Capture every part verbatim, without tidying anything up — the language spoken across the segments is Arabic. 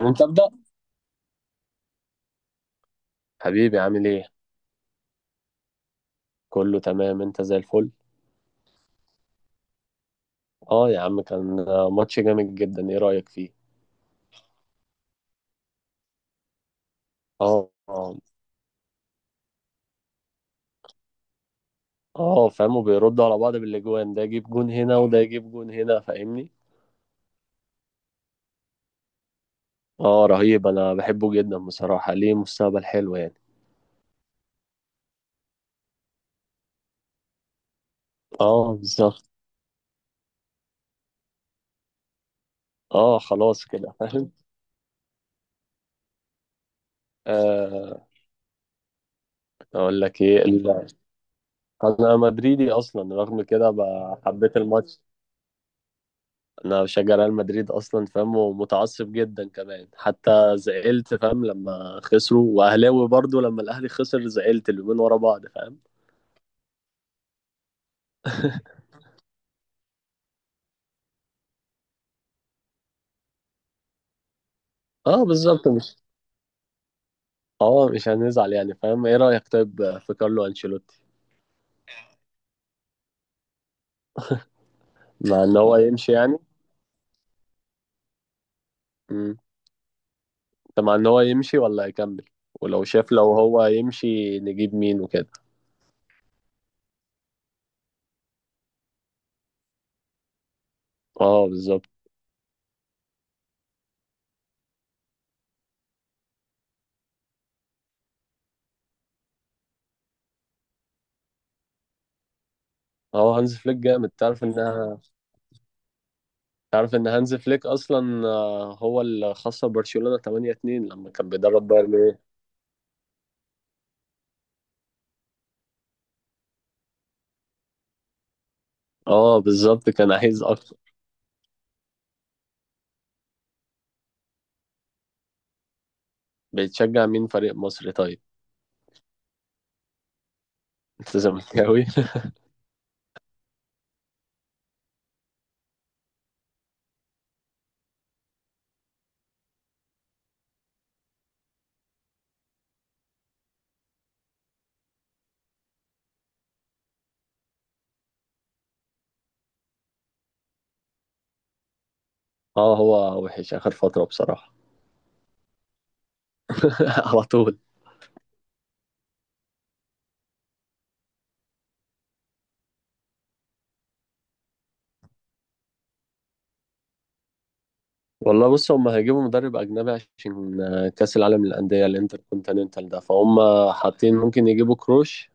انت ابدا حبيبي، عامل ايه؟ كله تمام، انت زي الفل. اه يا عم، كان آه، ماتش جامد جدا. ايه رأيك فيه؟ اه اه، اه فاهم، وبيردوا على بعض بالاجوان، ده يجيب جون هنا وده يجيب جون هنا، فاهمني؟ اه رهيب، انا بحبه جدا بصراحة، ليه مستقبل حلو يعني. اه بالظبط. اه خلاص كده، فاهم. آه. اقول لك ايه ال- انا مدريدي اصلا، رغم كده ب- حبيت الماتش. انا بشجع ريال مدريد اصلا، فاهم، ومتعصب جدا كمان حتى، زعلت فاهم لما خسروا، واهلاوي برضو لما الاهلي خسر زعلت اليومين ورا بعض، فاهم. اه بالظبط. مش اه مش هنزعل يعني، فاهم. ايه رايك طيب في كارلو انشيلوتي؟ مع ان هو يمشي يعني. امم انت مع ان هو يمشي ولا يكمل؟ ولو شاف، لو هو يمشي نجيب مين وكده. اه بالظبط. اه هانز فليك جامد، تعرف انها تعرف ان هانز فليك اصلا آه، هو اللي خسر برشلونة تمنية اتنين لما كان بيدرب بايرن. اه بالظبط، كان عايز اكتر. بتشجع مين فريق مصر طيب؟ انت زملكاوي. اه هو وحش اخر فتره بصراحه. على طول. والله بص، هم هيجيبوا مدرب اجنبي عشان كاس العالم للانديه الانتركونتيننتال ده، فهم حاطين ممكن يجيبوا كروش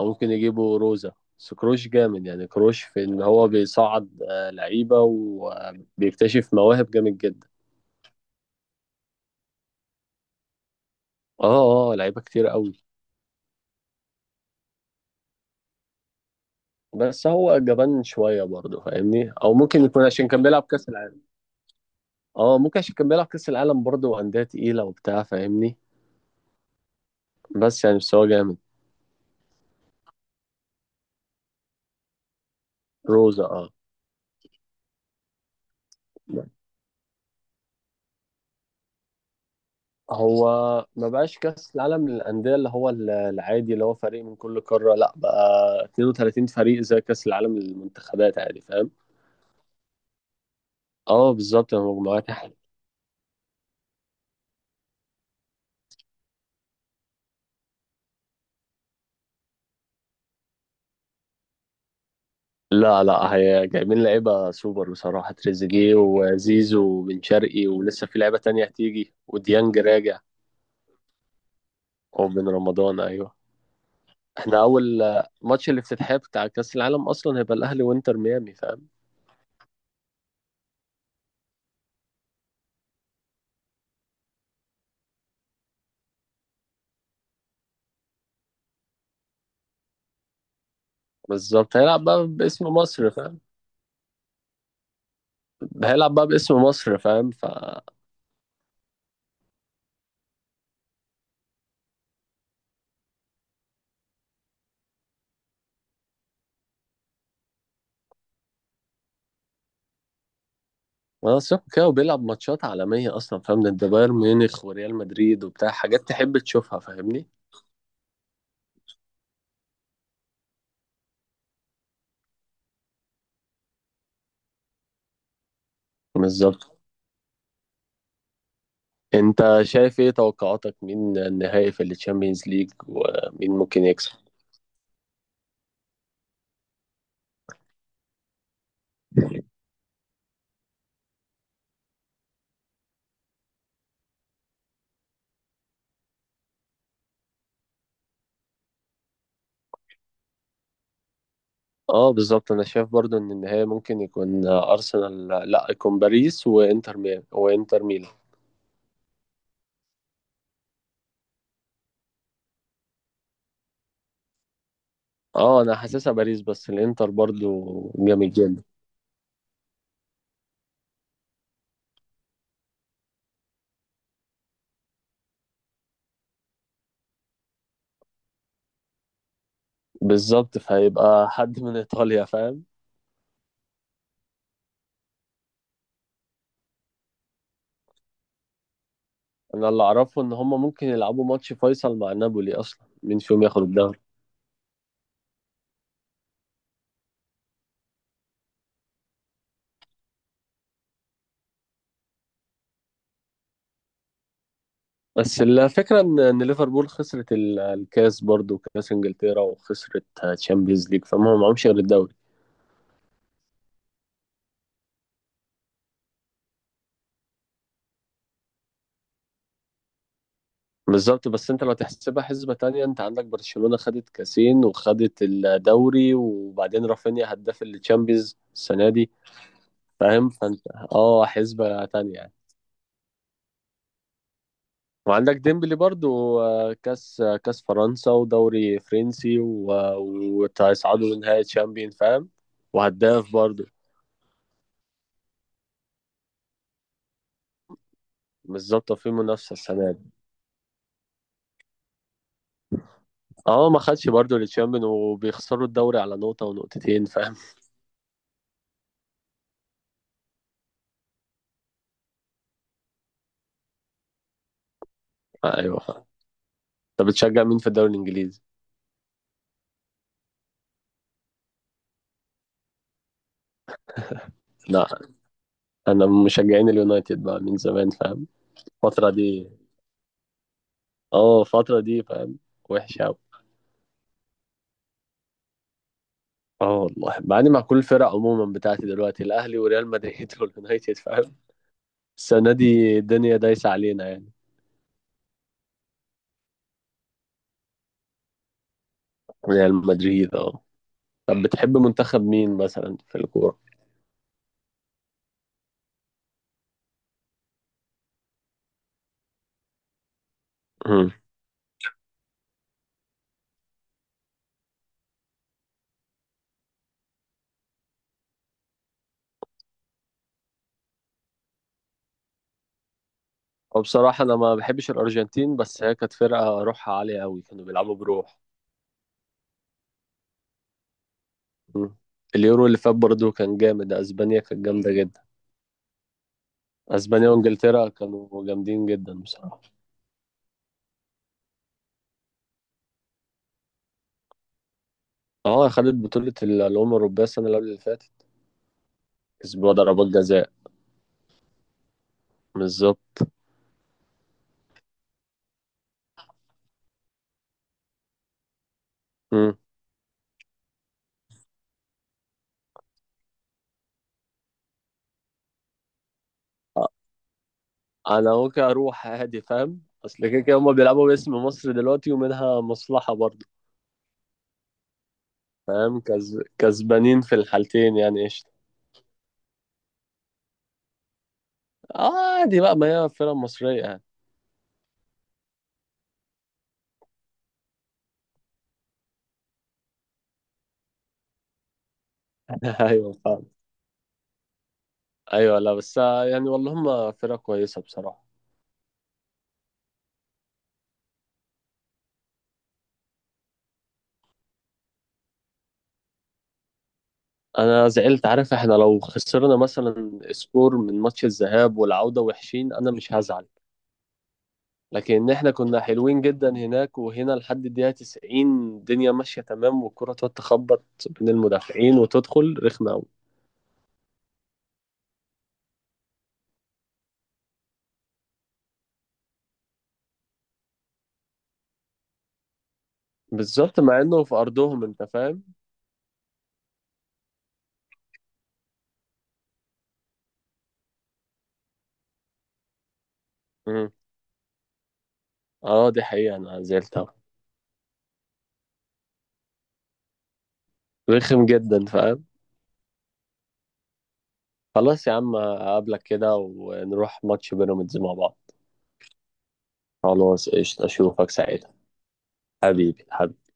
او ممكن يجيبوا روزا. بس كروش جامد يعني، كروش في ان هو بيصعد آه، لعيبه وبيكتشف مواهب جامد جدا. اه اه، لعيبه كتير قوي. بس هو جبان شويه برضه، فاهمني، او ممكن يكون عشان كان بيلعب كاس العالم. اه ممكن عشان كان بيلعب كأس العالم برضه، وأندية تقيلة وبتاع، فاهمني. بس يعني بس هو جامد. روزا اه. هو ما بقاش كأس العالم للأندية اللي هو ال- العادي، اللي هو فريق من كل قارة، لا بقى اثنين وثلاثين فريق زي كأس العالم للمنتخبات عادي، فاهم. اه بالظبط المجموعات. لا لا، هي جايبين لعيبة سوبر بصراحة، تريزيجيه وزيزو وبن شرقي، ولسه في لعيبة تانية هتيجي، وديانج راجع. وبن رمضان أيوه. احنا اول آه، ماتش الافتتاحية بتاع كأس العالم اصلا هيبقى الاهلي وانتر ميامي، فاهم. بالظبط، هيلعب بقى باسم مصر، فاهم. هيلعب بقى باسم مصر، فاهم. ف وانا صح كده، وبيلعب ماتشات عالمية اصلا، فاهم، ضد بايرن ميونخ وريال مدريد وبتاع، حاجات تحب تشوفها، فاهمني. بالظبط. انت شايف ايه توقعاتك؟ مين النهائي في التشامبيونز ليج ومين ممكن يكسب؟ اه بالظبط، انا شايف برضو ان النهائي ممكن يكون ارسنال، لا، يكون باريس، وانتر ميامي وانتر ميلان. اه انا حاسسها باريس، بس الانتر برضو جامد جدا. بالظبط، فهيبقى حد من ايطاليا، فاهم. انا اللي اعرفه ان هم ممكن يلعبوا ماتش فيصل مع نابولي اصلا مين فيهم ياخد الدوري. بس الفكره ان ان ليفربول خسرت ال- الكاس برضو، كاس انجلترا، وخسرت تشامبيونز ليج، فهم ما معهمش غير الدوري. بالظبط، بس انت لو تحسبها حسبه تانية، انت عندك برشلونه خدت كاسين وخدت الدوري، وبعدين رافينيا هداف التشامبيونز السنه دي، فاهم، فانت، اه، حسبه تانية. وعندك ديمبلي برضو، آه، كاس آه، كاس فرنسا ودوري فرنسي و- وهيصعدوا لنهائي تشامبيون، فاهم. وهداف برضو. مش ظابطة في منافسة السنة دي. اه ما خدش برضو التشامبيون، وبيخسروا الدوري على نقطة ونقطتين، فاهم. آه، ايوه فاهم. انت بتشجع مين في الدوري الانجليزي؟ لا، انا من مشجعين اليونايتد بقى من زمان، فاهم. الفترة دي، اه الفترة دي، فاهم، وحشة اوي. اه والله بعاني مع كل الفرق عموما بتاعتي دلوقتي، الاهلي وريال مدريد واليونايتد، فاهم. السنة دي الدنيا دايسة علينا يعني. ريال مدريد اه. طب بتحب منتخب مين مثلا في الكورة؟ مم. وبصراحة أنا ما بحبش الأرجنتين، بس هي كانت فرقة روحها عالية أوي، كانوا بيلعبوا بروح. مم. اليورو اللي فات برضه كان جامد، أسبانيا كانت جامدة جدا. أسبانيا وإنجلترا كانوا جامدين جدا بصراحة. اه خدت بطولة ال- الأمم الأوروبية السنة اللي قبل اللي فاتت، كسبوها ضربات جزاء. بالظبط. مم. آه، انا ممكن اروح عادي، فاهم، اصل كده كده هما بيلعبوا باسم مصر دلوقتي، ومنها مصلحة برضه، فاهم. كز... كسبانين في الحالتين يعني، قشطة. آه، عادي بقى، ما هي فرق مصرية يعني. ايوه فاهم. ايوه، لا، بس آه، يعني والله هم فرقة كويسة بصراحة. انا زعلت، عارف، احنا لو خسرنا مثلا سكور من ماتش الذهاب والعودة وحشين انا مش هزعل، لكن احنا كنا حلوين جدا هناك وهنا لحد الدقيقة تسعين، الدنيا ماشية تمام والكرة تقعد تخبط بين المدافعين وتدخل رخمة أوي. بالظبط، مع انه في ارضهم، انت فاهم. مم. اه دي حقيقة، انا زعلت أوي. رخم جدا، فاهم. خلاص يا عم، اقابلك كده ونروح ماتش بيراميدز مع بعض. خلاص قشطة، اشوفك ساعتها. حبيبي حبيبي.